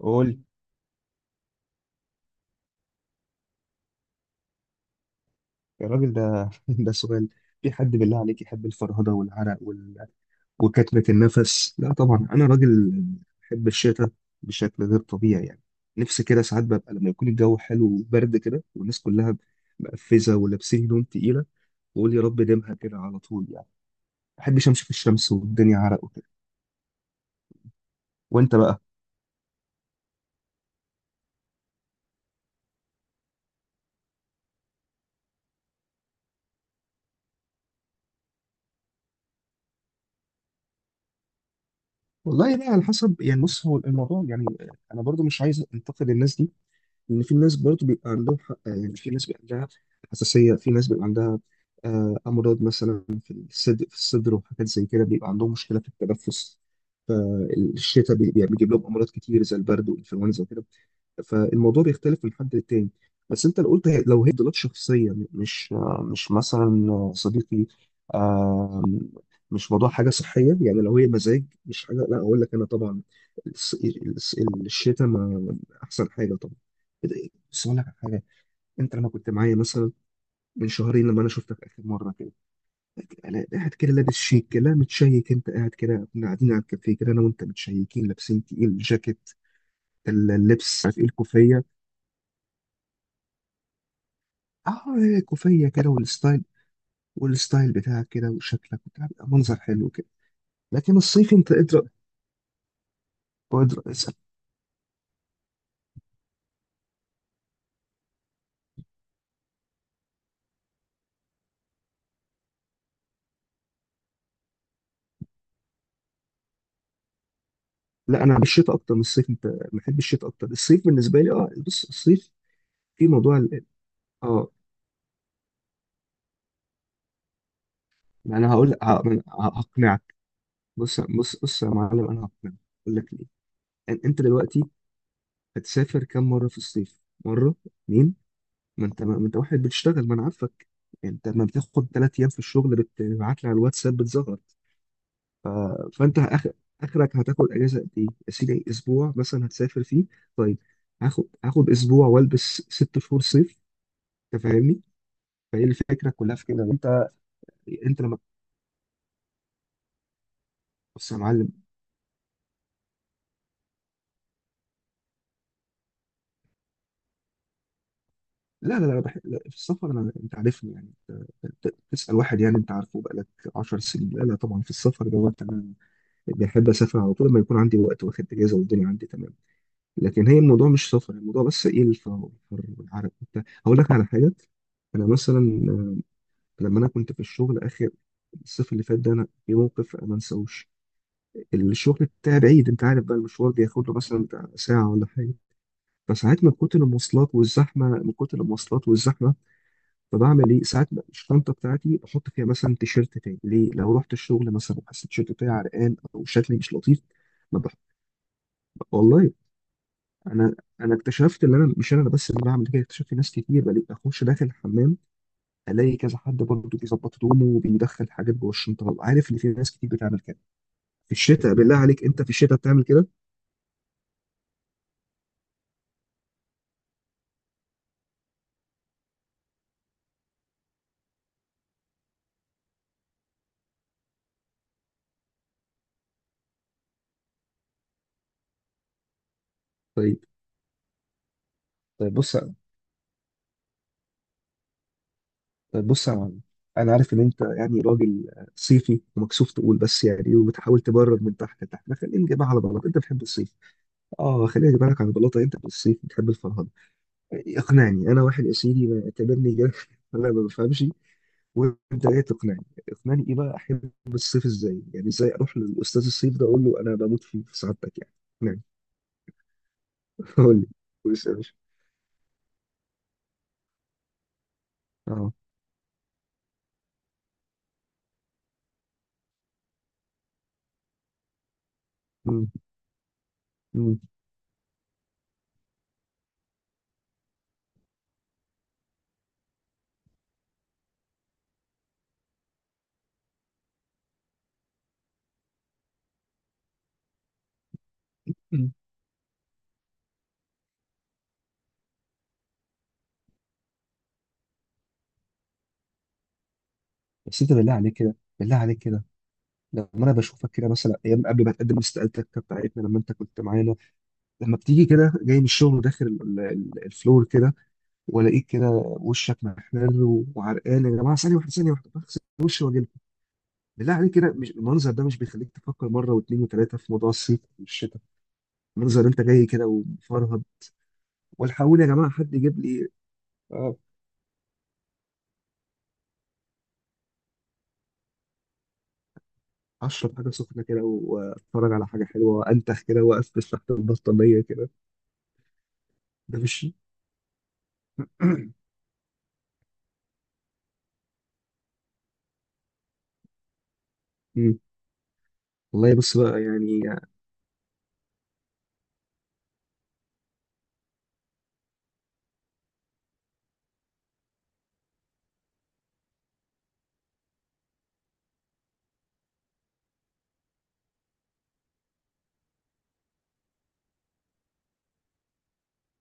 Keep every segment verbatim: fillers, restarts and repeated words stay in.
قول. يا راجل، ده ده سؤال. في حد بالله عليك يحب الفرهدة والعرق وال... وكتمة النفس؟ لا طبعا، أنا راجل بحب الشتاء بشكل غير طبيعي يعني. نفسي كده ساعات ببقى لما يكون الجو حلو وبرد كده، والناس كلها مقفزة ولابسين هدوم تقيلة، وأقول يا رب ديمها كده على طول يعني. ما بحبش أمشي في الشمس والدنيا عرق وكده. وأنت بقى؟ والله بقى على حسب يعني، بص هو الموضوع يعني، أنا برضو مش عايز أنتقد الناس دي، لان في ناس برضه بيبقى عندهم حق. يعني في ناس بيبقى عندها حساسيه، في ناس بيبقى عندها آه، امراض مثلا في الصدر في الصدر وحاجات زي كده بيبقى عندهم مشكله في التنفس. فالشتاء بي- بي- بيجيب لهم امراض كتير زي البرد والانفلونزا وكده. فالموضوع بيختلف من حد للتاني. بس انت لو قلت هي- لو هي تفضيلات شخصيه، م- مش آه، مش مثلا صديقي، آه، مش موضوع حاجه صحيه يعني، لو هي مزاج مش حاجه، لا اقول لك انا طبعا الس- الس- الشتاء ما احسن حاجه طبعا. بس اقول لك على حاجه، انت لما كنت معايا مثلا من شهرين، لما انا شفتك اخر مره كده، لا- قاعد كده لابس شيك كده متشيك، انت قاعد كده، كنا قاعدين على الكافيه كده انا وانت، متشيكين لابسين تقيل جاكيت. اللبس، عارف ايه؟ الكوفيه، اه كوفيه كده، والستايل والستايل بتاعك كده، وشكلك بتاع، بيبقى منظر حلو كده. لكن الصيف انت اضرب واضرب اسال. لا، انا بالشتاء اكتر من الصيف. انت بحب الشتاء اكتر. الصيف بالنسبه لي اه، بص الصيف في موضوع ال- اه ما انا هقول ه- ما أنا ه- هقنعك. بص بص بص يا معلم، انا هقنعك. اقول لك ليه. أن- انت دلوقتي هتسافر كم مره في الصيف؟ مره، اتنين. ما انت ما انت واحد بتشتغل، ما انا عارفك. انت ما بتاخد ثلاث ايام في الشغل بتبعت لي على الواتساب بتزغر. ف... فانت آخر... اخرك هتاخد اجازه قد ايه يا سيدي؟ اسبوع مثلا هتسافر فيه. طيب، هاخد هاخد اسبوع والبس ست شهور صيف، انت فاهمني؟ فهي الفكره كلها في كده. انت. انت لما بص يا معلم. لا لا لا, بح... لا، في السفر انا، انت عارفني يعني، انت أنت تسال واحد يعني انت عارفه بقالك 10 سنين؟ لا لا طبعا، في السفر دوت انا بحب اسافر على طول لما يكون عندي وقت واخد اجازه والدنيا عندي تمام. لكن هي الموضوع مش سفر، الموضوع بس ايه، الفر الفر والعرق وبتاع. هقول لك على حاجه، انا مثلا لما انا كنت في الشغل اخر الصيف اللي فات ده، انا في موقف ما انساهوش. الشغل بتاعي بعيد، انت عارف بقى، المشوار بياخد له مثلا بتاع ساعه ولا حاجه. فساعات من كتر المواصلات والزحمه من كتر المواصلات والزحمه فبعمل ايه ساعات بقى، الشنطه بتاعتي بحط فيها مثلا تيشيرت تاني ليه؟ لو رحت الشغل مثلا وحسيت التيشيرت بتاعي عرقان او شكلي مش لطيف ما بحط. والله انا انا اكتشفت ان انا مش انا بس اللي بعمل كده. اكتشفت ناس كتير. بلاقي اخش داخل الحمام الاقي كذا حد برضه بيظبط هدومه وبيدخل حاجات جوه الشنطه. ببقى عارف ان في ناس كتير بتعمل كده. في الشتاء بالله عليك، انت في الشتاء بتعمل كده؟ طيب. طيب بص، طيب بص يا معلم، انا عارف ان انت يعني راجل صيفي ومكسوف تقول، بس يعني إيه، وبتحاول تبرر من تحت لتحت. ما خلينا نجيبها على بلاطه، انت بتحب الصيف. اه، خلينا نجيبها لك على بلاطه، انت في الصيف بتحب الفرهده. اقنعني انا، واحد يا سيدي ما اعتبرني جاهل، انا ما بفهمش، وانت جاي تقنعني. اقنعني ايه بقى، احب الصيف ازاي يعني؟ ازاي اروح للاستاذ الصيف ده اقول له انا بموت فيه في سعادتك يعني؟ اقنعني. قول لي، بص يا باشا. اه. مم. مم. بس انت بالله عليك كده، بالله عليك كده، لما انا بشوفك كده مثلا ايام قبل ما تقدم استقالتك بتاعتنا، لما انت كنت معانا، لما بتيجي كده جاي من الشغل وداخل ال- ال- الفلور كده، والاقيك كده وشك محمر و- وعرقان. يا جماعه، ثانيه واحده ثانيه واحده، بغسل وشي واجي لكم. بالله عليك كده، مش المنظر ده مش بيخليك تفكر مره واثنين وثلاثه في موضوع الصيف والشتاء؟ المنظر انت جاي كده ومفرهد والحقوني يا جماعه حد يجيب لي آه، اشرب حاجه سخنه كده و- واتفرج على حاجه حلوه وانتخ كده واقفز تحت البطانيه كده. ده مش مم. والله بص بقى يعني،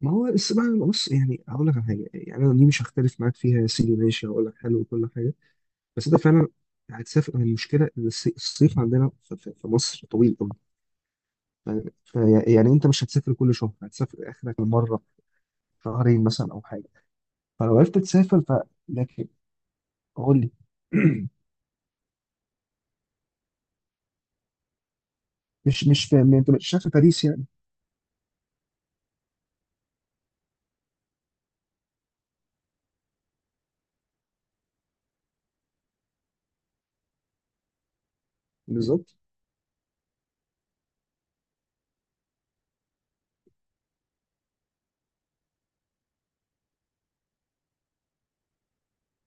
ما هو بس بقى بص يعني، هقول لك على حاجه يعني، انا دي مش هختلف معاك فيها يا سيدي، ماشي، هقول لك حلو وكل حاجه. بس انت فعلا هتسافر. المشكله إن الصي- الصيف عندنا في في- في مصر طويل قوي. فيعني انت مش هتسافر كل شهر، هتسافر اخرك مره شهرين مثلا او حاجه. فلو عرفت تسافر ف لكن قول لي. مش مش في، انت مش شايف باريس يعني؟ بالظبط.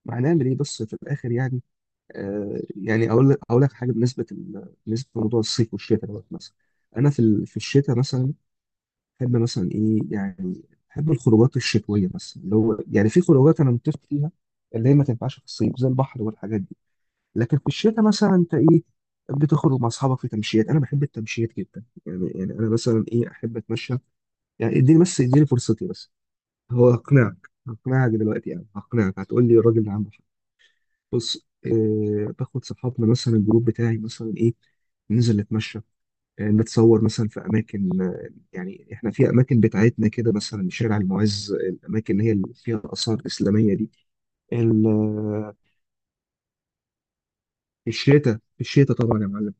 ما هنعمل ايه بس في الاخر يعني. آه، يعني اقول لك اقول لك حاجه بالنسبه ال- بالنسبه لموضوع الصيف والشتاء دوت مثلا. انا في ال- في الشتاء مثلا بحب مثلا ايه يعني، بحب الخروجات الشتويه مثلا، اللي هو يعني في خروجات انا متفق فيها اللي هي ما تنفعش في الصيف زي البحر والحاجات دي. لكن في الشتاء مثلا انت ايه، بتخرج مع اصحابك في تمشيات. انا بحب التمشيات جدا يعني يعني انا مثلا ايه، احب اتمشى يعني. اديني بس، اديني فرصتي بس. هو اقنعك هقنعك دلوقتي يعني، هقنعك. هتقول لي الراجل ده عنده. بص آه باخد صحابنا مثلا، الجروب بتاعي مثلا ايه، ننزل نتمشى آه نتصور مثلا في اماكن، آه يعني احنا في اماكن بتاعتنا كده مثلا شارع المعز، الاماكن اللي هي اللي فيها اثار اسلاميه دي. ال- آه، في الشتاء، في الشتاء طبعا يا معلم.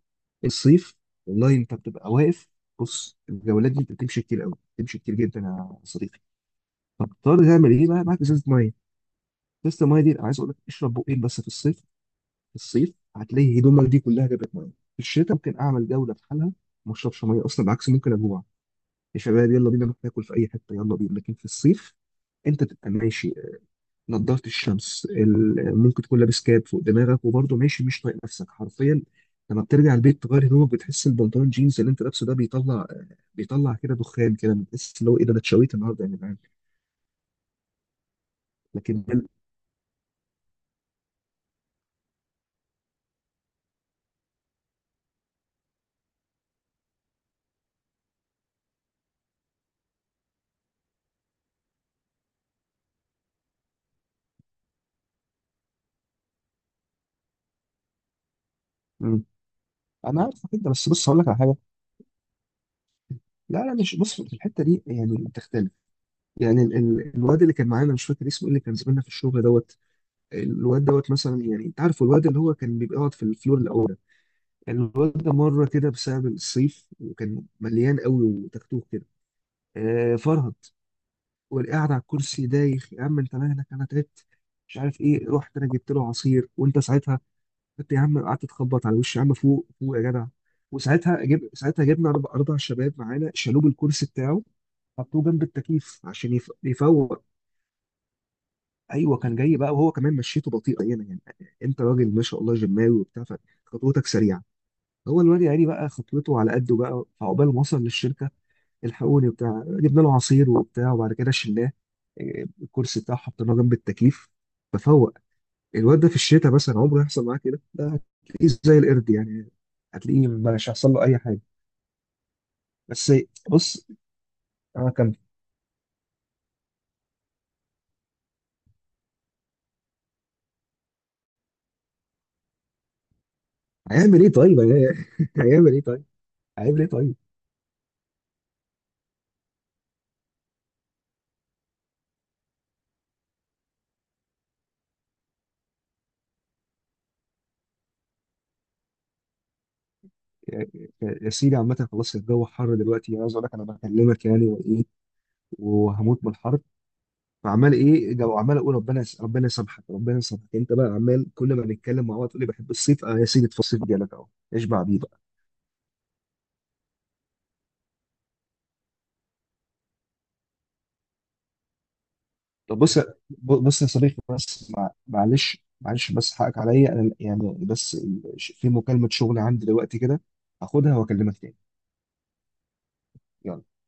الصيف والله انت بتبقى واقف. بص الجولات دي انت بتمشي كتير قوي، بتمشي كتير جدا يا صديقي. فبتضطر تعمل ايه بقى، معاك ازازه ميه. ازازه الميه دي انا عايز اقول لك اشرب بقين بس في الصيف. في الصيف هتلاقي هدومك دي كلها جابت ميه. في الشتاء ممكن اعمل جوله في حالها، ما اشربش ميه اصلا. بالعكس ممكن اجوع، يا شباب يلا بينا نروح ناكل في اي حته يلا بينا. لكن في الصيف انت تبقى ماشي، نضاره الشمس، ال- ممكن تكون لابس كاب فوق دماغك وبرضه ماشي مش طايق نفسك حرفيا. لما بترجع البيت تغير هدومك، بتحس البنطلون جينز اللي انت لابسه ده بيطلع بيطلع كده دخان كده. بتحس اللي هو ايه، ده انا اتشويت النهارده يا جدعان. لكن مم. انا عارف كده، بس بص هقول لك على حاجه. لا لا، مش بص، في الحته دي يعني بتختلف. يعني ال- ال- الواد اللي كان معانا، مش فاكر اسمه إيه، اللي كان زميلنا في الشغل دوت، الواد دوت مثلا، يعني انت عارف الواد اللي هو كان بيبقى يقعد في الفلور الاول ده. الواد ده مره كده بسبب الصيف وكان مليان قوي وتكتوك كده آه فرهد. والقعد على الكرسي دايخ، يا عم انت مالك؟ انا تعبت مش عارف ايه، رحت انا جبت له عصير، وانت ساعتها قلت يا عم، قعدت تخبط على وشي، يا عم فوق فوق يا جدع. وساعتها جب ساعتها جبنا اربع اربع شباب معانا شالوه بالكرسي بتاعه، حطوه جنب التكييف عشان يف- يفوق. ايوه، كان جاي بقى وهو كمان مشيته بطيئه يعني, يعني انت راجل ما شاء الله جماوي وبتاع، فخطوتك سريعه. هو الواد يعني بقى خطوته على قده بقى، فعقبال ما وصل للشركه، الحقوني وبتاع، جبنا له عصير وبتاع، وبعد كده شلناه، إيه، الكرسي بتاعه حطيناه جنب التكييف ففوق. الواد ده في الشتاء مثلا عمره يحصل معاه كده؟ ده هتلاقيه زي القرد يعني، هتلاقيه مش هيحصل له اي حاجه. بس بص انا كان هيعمل ايه طيب. هيعمل ايه طيب؟ هيعمل ايه طيب؟ يا يا- يا سيدي عامة خلاص الجو حر دلوقتي، انا عايز اقول لك انا بكلمك يعني وايه، وهموت من الحر. فعمال ايه جو، عمال اقول ربنا يس- ربنا يسامحك، ربنا يسامحك. انت بقى عمال كل ما نتكلم مع بعض تقول لي بحب الصيف. اه يا سيدي، في الصيف جالك اهو، اشبع بيه بقى. طب بص، بص يا صديقي، بس مع- معلش معلش، بس حقك عليا انا يعني، بس ال- في مكالمة شغل عندي دلوقتي كده، هاخدها واكلمك تاني. يلا.